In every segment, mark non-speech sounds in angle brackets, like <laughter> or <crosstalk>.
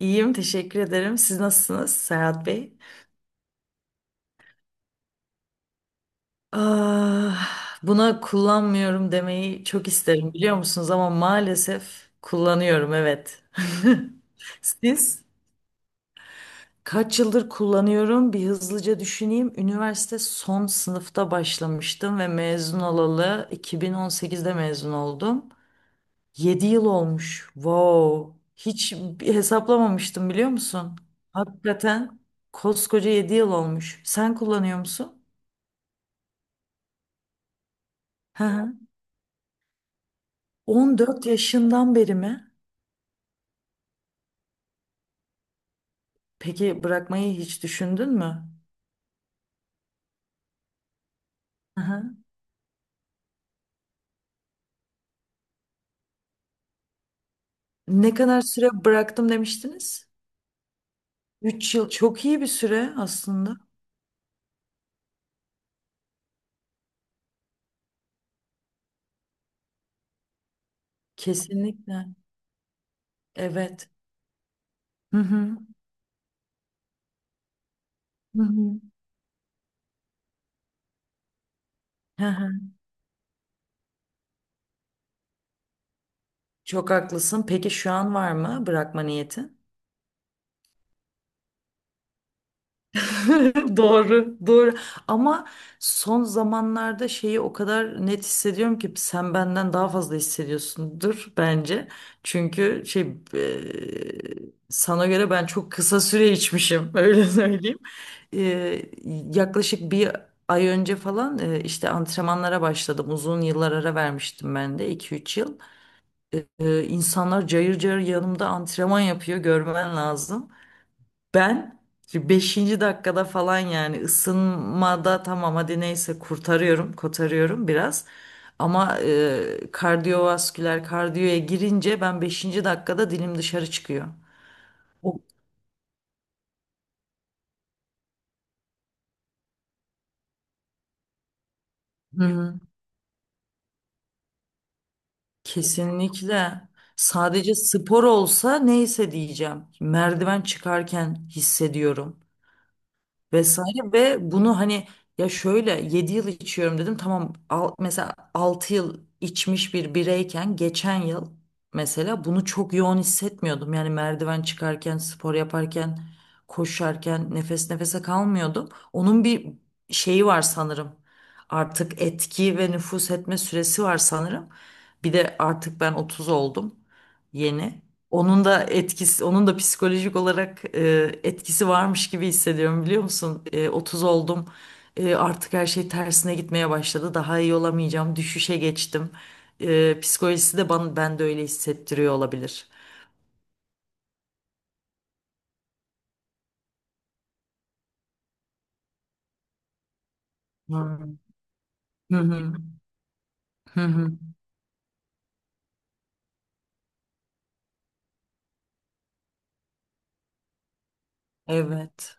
İyiyim, teşekkür ederim. Siz nasılsınız Serhat Bey? Ah, buna kullanmıyorum demeyi çok isterim biliyor musunuz ama maalesef kullanıyorum evet. <laughs> Siz kaç yıldır kullanıyorum? Bir hızlıca düşüneyim. Üniversite son sınıfta başlamıştım ve mezun olalı 2018'de mezun oldum. 7 yıl olmuş. Wow. Hiç bir hesaplamamıştım biliyor musun? Hakikaten koskoca 7 yıl olmuş. Sen kullanıyor musun? Hı hı. 14 yaşından beri mi? Peki bırakmayı hiç düşündün mü? Hı hı. Ne kadar süre bıraktım demiştiniz? 3 yıl çok iyi bir süre aslında. Kesinlikle. Evet. Hı hı. Hı hı. Hı hı. Çok haklısın. Peki şu an var mı bırakma niyeti? <laughs> Doğru, doğru. Ama son zamanlarda şeyi o kadar net hissediyorum ki sen benden daha fazla hissediyorsundur bence. Çünkü şey sana göre ben çok kısa süre içmişim <laughs> öyle söyleyeyim. E, yaklaşık bir ay önce falan işte antrenmanlara başladım. Uzun yıllar ara vermiştim ben de 2-3 yıl. E, e, insanlar cayır cayır yanımda antrenman yapıyor görmen lazım. Ben şimdi 5. dakikada falan yani ısınmada tamam hadi neyse kurtarıyorum, kotarıyorum biraz. Ama kardiyovasküler kardiyoya girince ben 5. dakikada dilim dışarı çıkıyor. O- Hı hı. Kesinlikle. Sadece spor olsa neyse diyeceğim. Merdiven çıkarken hissediyorum. Vesaire ve bunu hani ya şöyle 7 yıl içiyorum dedim tamam al, mesela 6 yıl içmiş bir bireyken geçen yıl mesela bunu çok yoğun hissetmiyordum yani merdiven çıkarken spor yaparken koşarken nefes nefese kalmıyordum onun bir şeyi var sanırım artık etki ve nüfuz etme süresi var sanırım bir de artık ben 30 oldum yeni onun da etkisi, onun da psikolojik olarak etkisi varmış gibi hissediyorum biliyor musun? 30 oldum. Artık her şey tersine gitmeye başladı. Daha iyi olamayacağım. Düşüşe geçtim. Psikolojisi de bana, ben de öyle hissettiriyor olabilir. Hmm. Hı hı. Hı hı. Evet.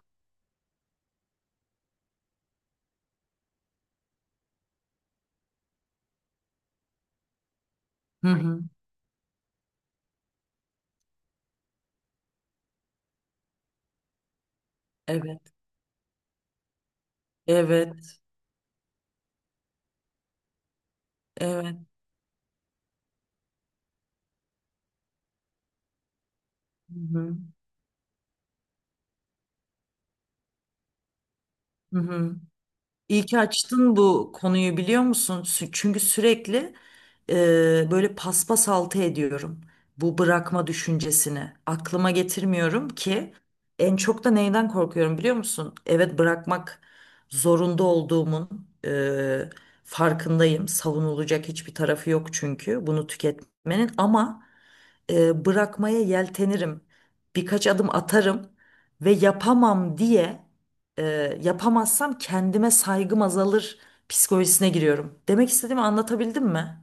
Hı hı. Evet. Evet. Evet. Hı hı. Hı hı. İyi ki açtın bu konuyu biliyor musun? Çünkü sürekli böyle paspas altı ediyorum. Bu bırakma düşüncesini aklıma getirmiyorum ki en çok da neyden korkuyorum biliyor musun? Evet bırakmak zorunda olduğumun e, farkındayım. Savunulacak hiçbir tarafı yok çünkü bunu tüketmenin ama bırakmaya yeltenirim. Birkaç adım atarım ve yapamam diye e, yapamazsam kendime saygım azalır psikolojisine giriyorum. Demek istediğimi anlatabildim mi?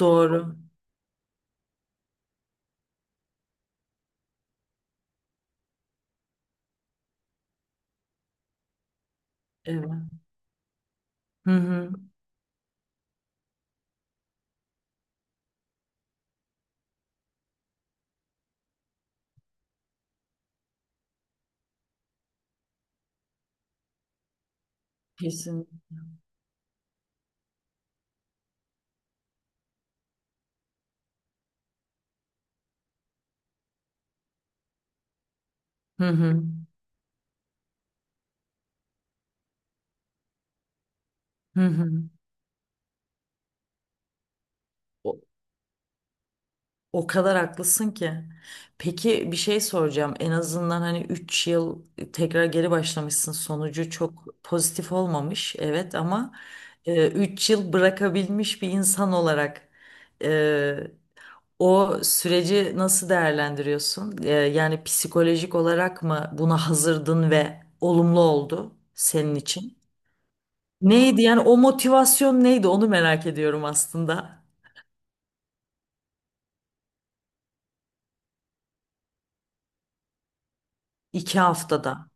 Doğru. Evet. Hı hı. Kesin. Hı hı. Hı hı. O- O kadar haklısın ki. Peki bir şey soracağım. En azından hani 3 yıl tekrar geri başlamışsın. Sonucu çok pozitif olmamış. Evet ama 3 yıl bırakabilmiş bir insan olarak e, o süreci nasıl değerlendiriyorsun? Yani psikolojik olarak mı buna hazırdın ve olumlu oldu senin için? Neydi yani o motivasyon neydi onu merak ediyorum aslında. 2 haftada.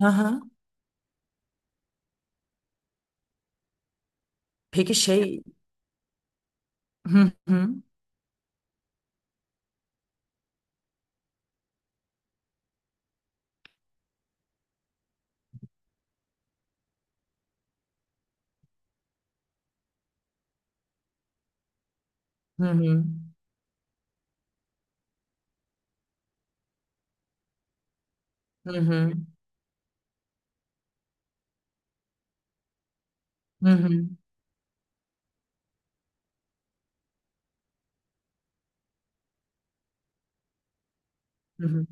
Hı hı. Peki şey. Hı hı, hı hı, hı hı, hı hı, hı hı,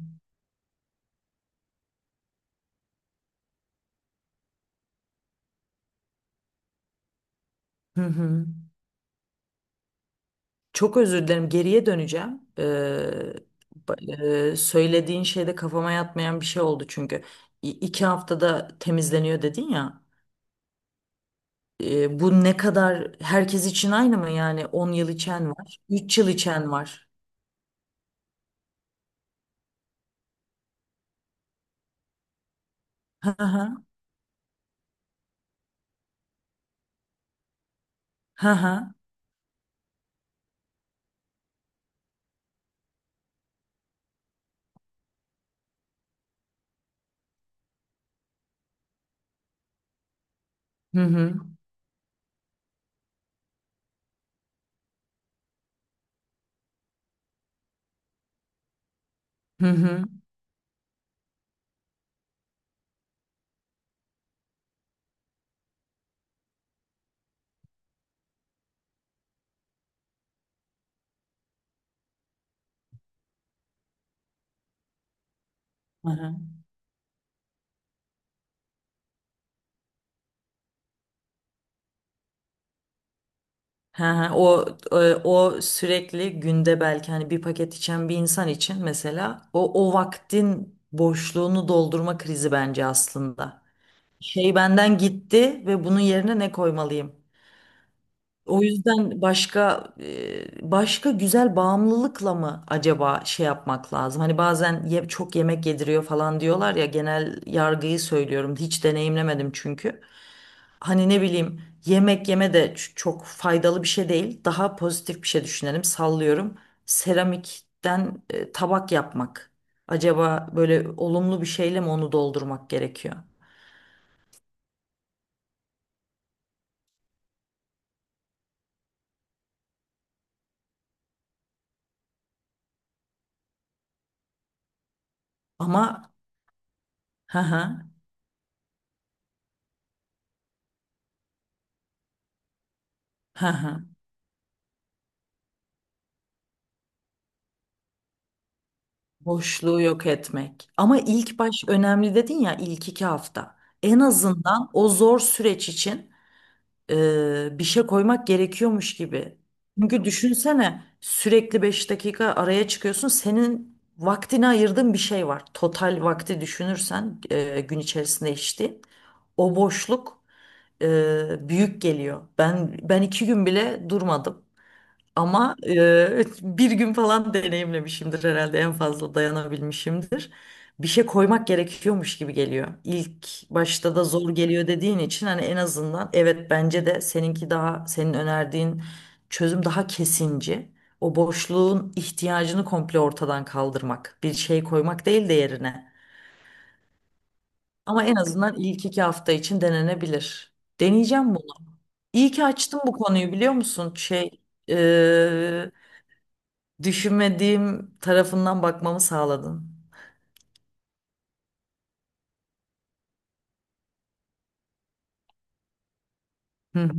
hı hı. Çok özür dilerim. Geriye döneceğim. Söylediğin şeyde kafama yatmayan bir şey oldu çünkü. İ- iki haftada temizleniyor dedin ya. Bu ne kadar herkes için aynı mı yani? 10 yıl içen var, 3 yıl içen var. Hı hı, hı hı, hı hı, hı hı, hı hı. Ha, ha, o sürekli günde belki hani bir paket içen bir insan için mesela o vaktin boşluğunu doldurma krizi bence aslında. Şey benden gitti ve bunun yerine ne koymalıyım? O yüzden başka güzel bağımlılıkla mı acaba şey yapmak lazım? Hani bazen çok yemek yediriyor falan diyorlar ya genel yargıyı söylüyorum. Hiç deneyimlemedim çünkü. Hani ne bileyim yemek yeme de çok faydalı bir şey değil. Daha pozitif bir şey düşünelim. Sallıyorum. Seramikten tabak yapmak. Acaba böyle olumlu bir şeyle mi onu doldurmak gerekiyor? Ama <laughs> ha ha ha. Boşluğu yok etmek. Ama ilk baş önemli dedin ya ilk 2 hafta. En azından o zor süreç için bir şey koymak gerekiyormuş gibi. Çünkü düşünsene sürekli 5 dakika araya çıkıyorsun. Senin vaktini ayırdığın bir şey var. Total vakti düşünürsen gün içerisinde içtiğin. O boşluk büyük geliyor. Ben 2 gün bile durmadım. Ama <laughs> bir gün falan deneyimlemişimdir herhalde en fazla dayanabilmişimdir. Bir şey koymak gerekiyormuş gibi geliyor. İlk başta da zor geliyor dediğin için hani en azından evet bence de seninki daha senin önerdiğin çözüm daha kesinci. O boşluğun ihtiyacını komple ortadan kaldırmak. Bir şey koymak değil de yerine. Ama en azından ilk 2 hafta için denenebilir. Deneyeceğim bunu. İyi ki açtım bu konuyu biliyor musun? Şey, düşünmediğim tarafından bakmamı sağladın. Hı hı.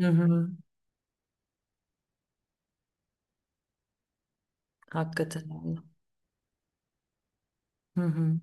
Hı hı. Hakikaten öyle. Hı hı.